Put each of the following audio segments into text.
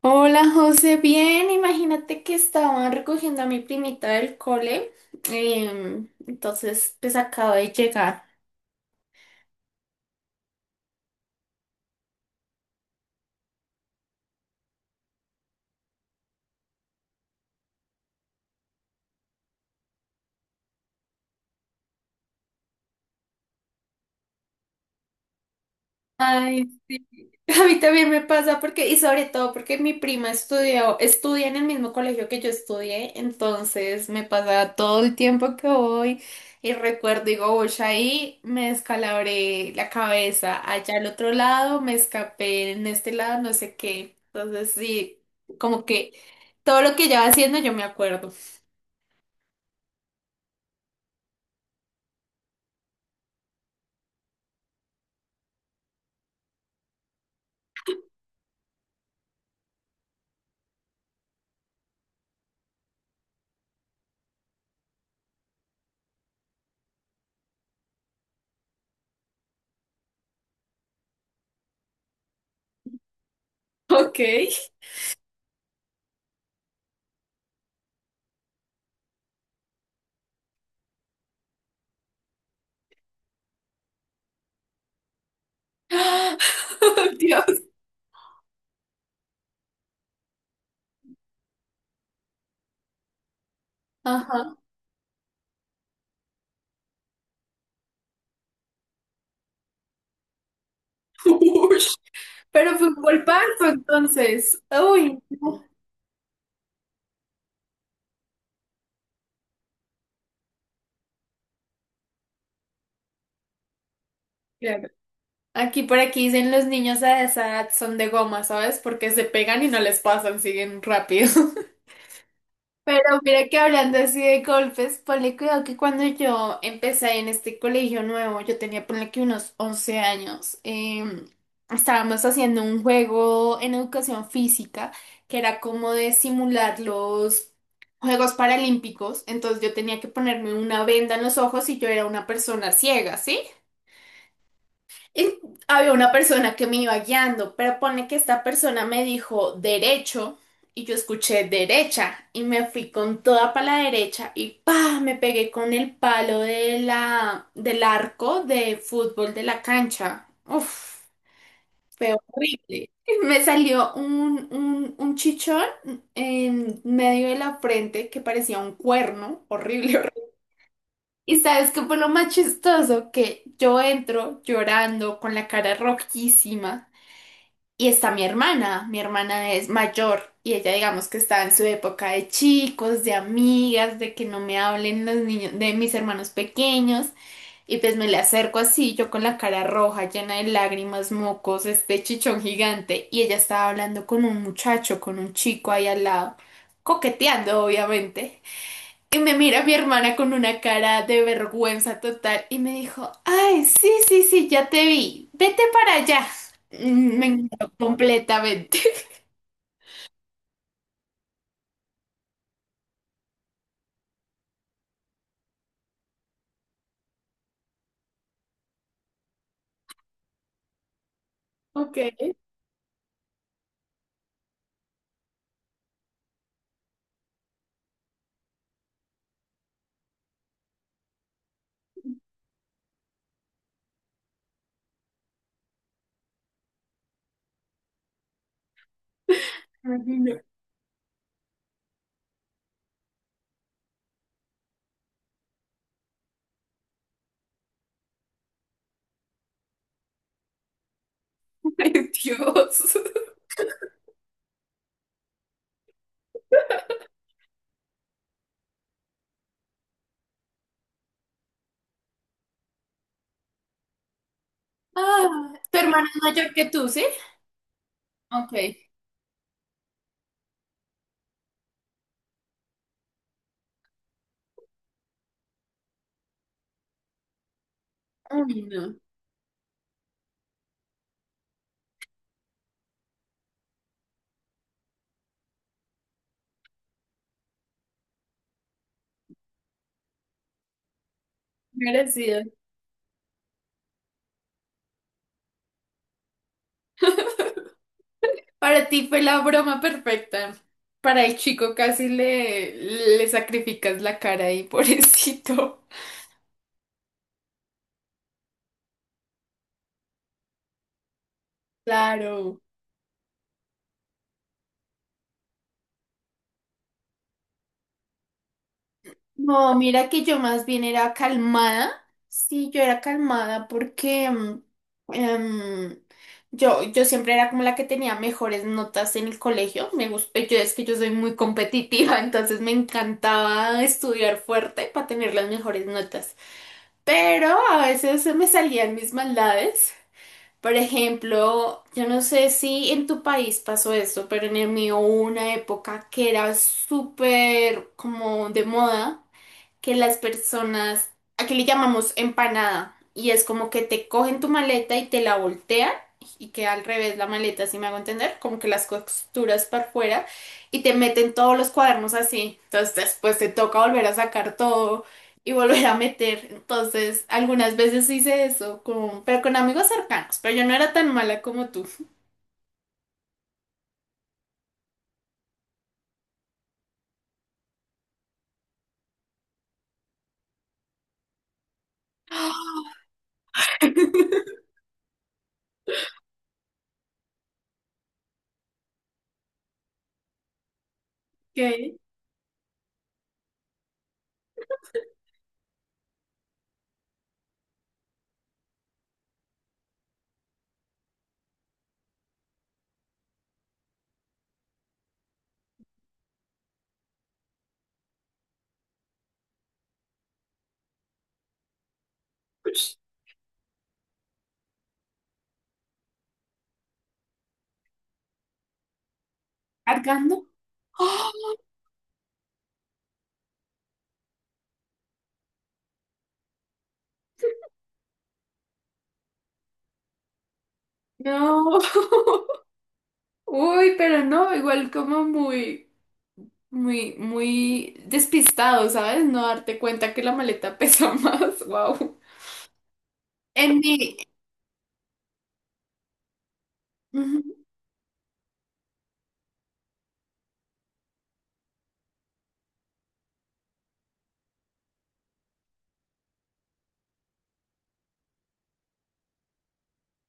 Hola José, bien, imagínate que estaban recogiendo a mi primita del cole, entonces pues acabo de llegar. A mí también me pasa y sobre todo porque mi prima estudió, estudia en el mismo colegio que yo estudié, entonces me pasa todo el tiempo que voy y recuerdo, digo, uy, ahí me descalabré la cabeza, allá al otro lado me escapé, en este lado no sé qué. Entonces sí, como que todo lo que ella va haciendo yo me acuerdo. Ok. Dios. Ajá. Ush. Pero fue un golpazo entonces. Uy. Aquí por aquí dicen los niños a esa edad son de goma, ¿sabes? Porque se pegan y no les pasan, siguen rápido. Pero mira que hablando así de golpes, ponle cuidado que cuando yo empecé en este colegio nuevo, yo tenía ponle que unos 11 años, estábamos haciendo un juego en educación física que era como de simular los Juegos Paralímpicos, entonces yo tenía que ponerme una venda en los ojos y yo era una persona ciega, ¿sí? Y había una persona que me iba guiando, pero pone que esta persona me dijo derecho y yo escuché derecha y me fui con toda para la derecha y pa, me pegué con el palo de la, del arco de fútbol de la cancha. Uf, fue horrible. Me salió un chichón en medio de la frente que parecía un cuerno, horrible, horrible. Y sabes qué fue lo más chistoso, que yo entro llorando con la cara rojísima y está mi hermana es mayor y ella digamos que está en su época de chicos, de amigas, de que no me hablen los niños de mis hermanos pequeños y pues me le acerco así, yo con la cara roja, llena de lágrimas, mocos, este chichón gigante y ella estaba hablando con un muchacho, con un chico ahí al lado, coqueteando obviamente. Y me mira mi hermana con una cara de vergüenza total y me dijo, ay, sí, sí, sí, ya te vi, vete para allá. Me ignoró completamente. Ok, imagino. Ay, Dios. Ah, tu hermana es mayor que tú, ¿sí? Ok. Ay, no. Merecido. Para ti fue la broma perfecta. Para el chico casi le, le sacrificas la cara ahí, pobrecito. Claro. No, mira que yo más bien era calmada. Sí, yo era calmada porque em, yo siempre era como la que tenía mejores notas en el colegio. Me gusta, yo es que yo soy muy competitiva, entonces me encantaba estudiar fuerte para tener las mejores notas. Pero a veces se me salían mis maldades. Por ejemplo, yo no sé si en tu país pasó eso, pero en el mío hubo una época que era súper como de moda que las personas, aquí le llamamos empanada, y es como que te cogen tu maleta y te la voltean y queda al revés la maleta, si me hago entender, como que las costuras para afuera y te meten todos los cuadernos así. Entonces después te toca volver a sacar todo y volver a meter. Entonces, algunas veces hice eso, con, pero con amigos cercanos, pero yo no era tan mala como tú. ¿Qué? ¿Cargando? ¡Ah! No. Uy, pero no, igual como muy. Muy, muy despistado, ¿sabes? No darte cuenta que la maleta pesa más. Wow. En mi. Ujú.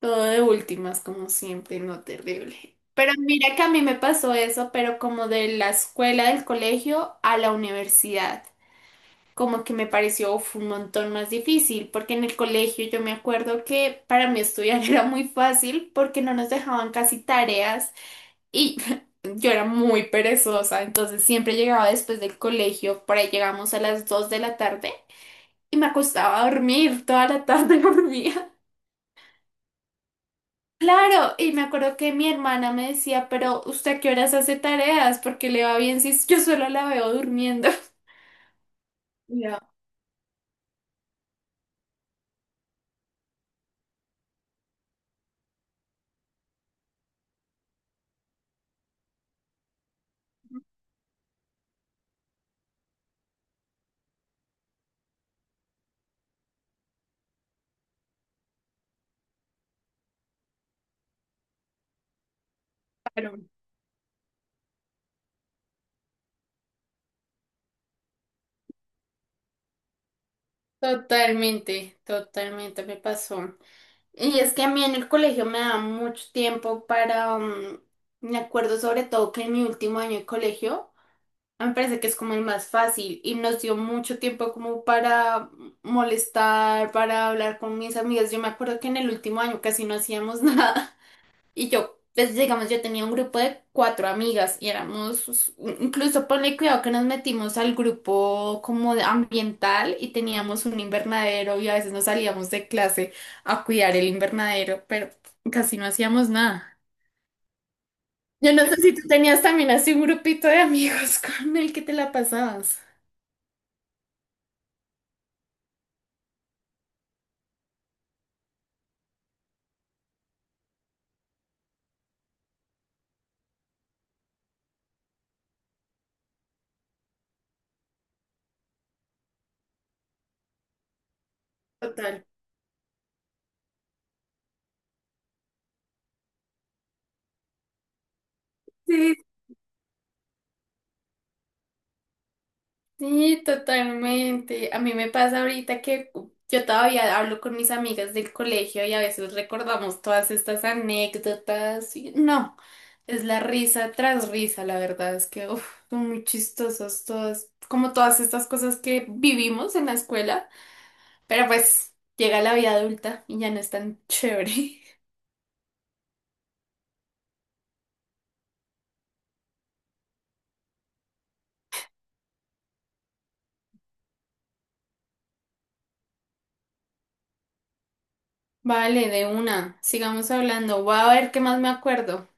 Todo de últimas, como siempre, no terrible. Pero mira que a mí me pasó eso, pero como de la escuela, del colegio a la universidad. Como que me pareció uf, un montón más difícil, porque en el colegio yo me acuerdo que para mí estudiar era muy fácil porque no nos dejaban casi tareas. Y yo era muy perezosa, entonces siempre llegaba después del colegio, por ahí llegamos a las 2 de la tarde y me acostaba a dormir, toda la tarde dormía. Claro, y me acuerdo que mi hermana me decía, pero ¿usted a qué horas hace tareas? Porque le va bien si yo solo la veo durmiendo. Ya, claro. Totalmente, totalmente me pasó. Y es que a mí en el colegio me daba mucho tiempo para, mm, me acuerdo sobre todo que en mi último año de colegio, me parece que es como el más fácil y nos dio mucho tiempo como para molestar, para hablar con mis amigas. Yo me acuerdo que en el último año casi no hacíamos nada y yo, pues digamos, yo tenía un grupo de cuatro amigas y éramos, incluso ponle cuidado que nos metimos al grupo como de ambiental y teníamos un invernadero y a veces nos salíamos de clase a cuidar el invernadero, pero casi no hacíamos nada. Yo no sé si tú tenías también así un grupito de amigos con el que te la pasabas. Total. Sí, sí, totalmente. A mí me pasa ahorita que yo todavía hablo con mis amigas del colegio y a veces recordamos todas estas anécdotas. Y no, es la risa tras risa, la verdad es que uf, son muy chistosas todas, como todas estas cosas que vivimos en la escuela, pero pues llega la vida adulta y ya no es tan chévere. Vale, de una, sigamos hablando. Voy a ver qué más me acuerdo.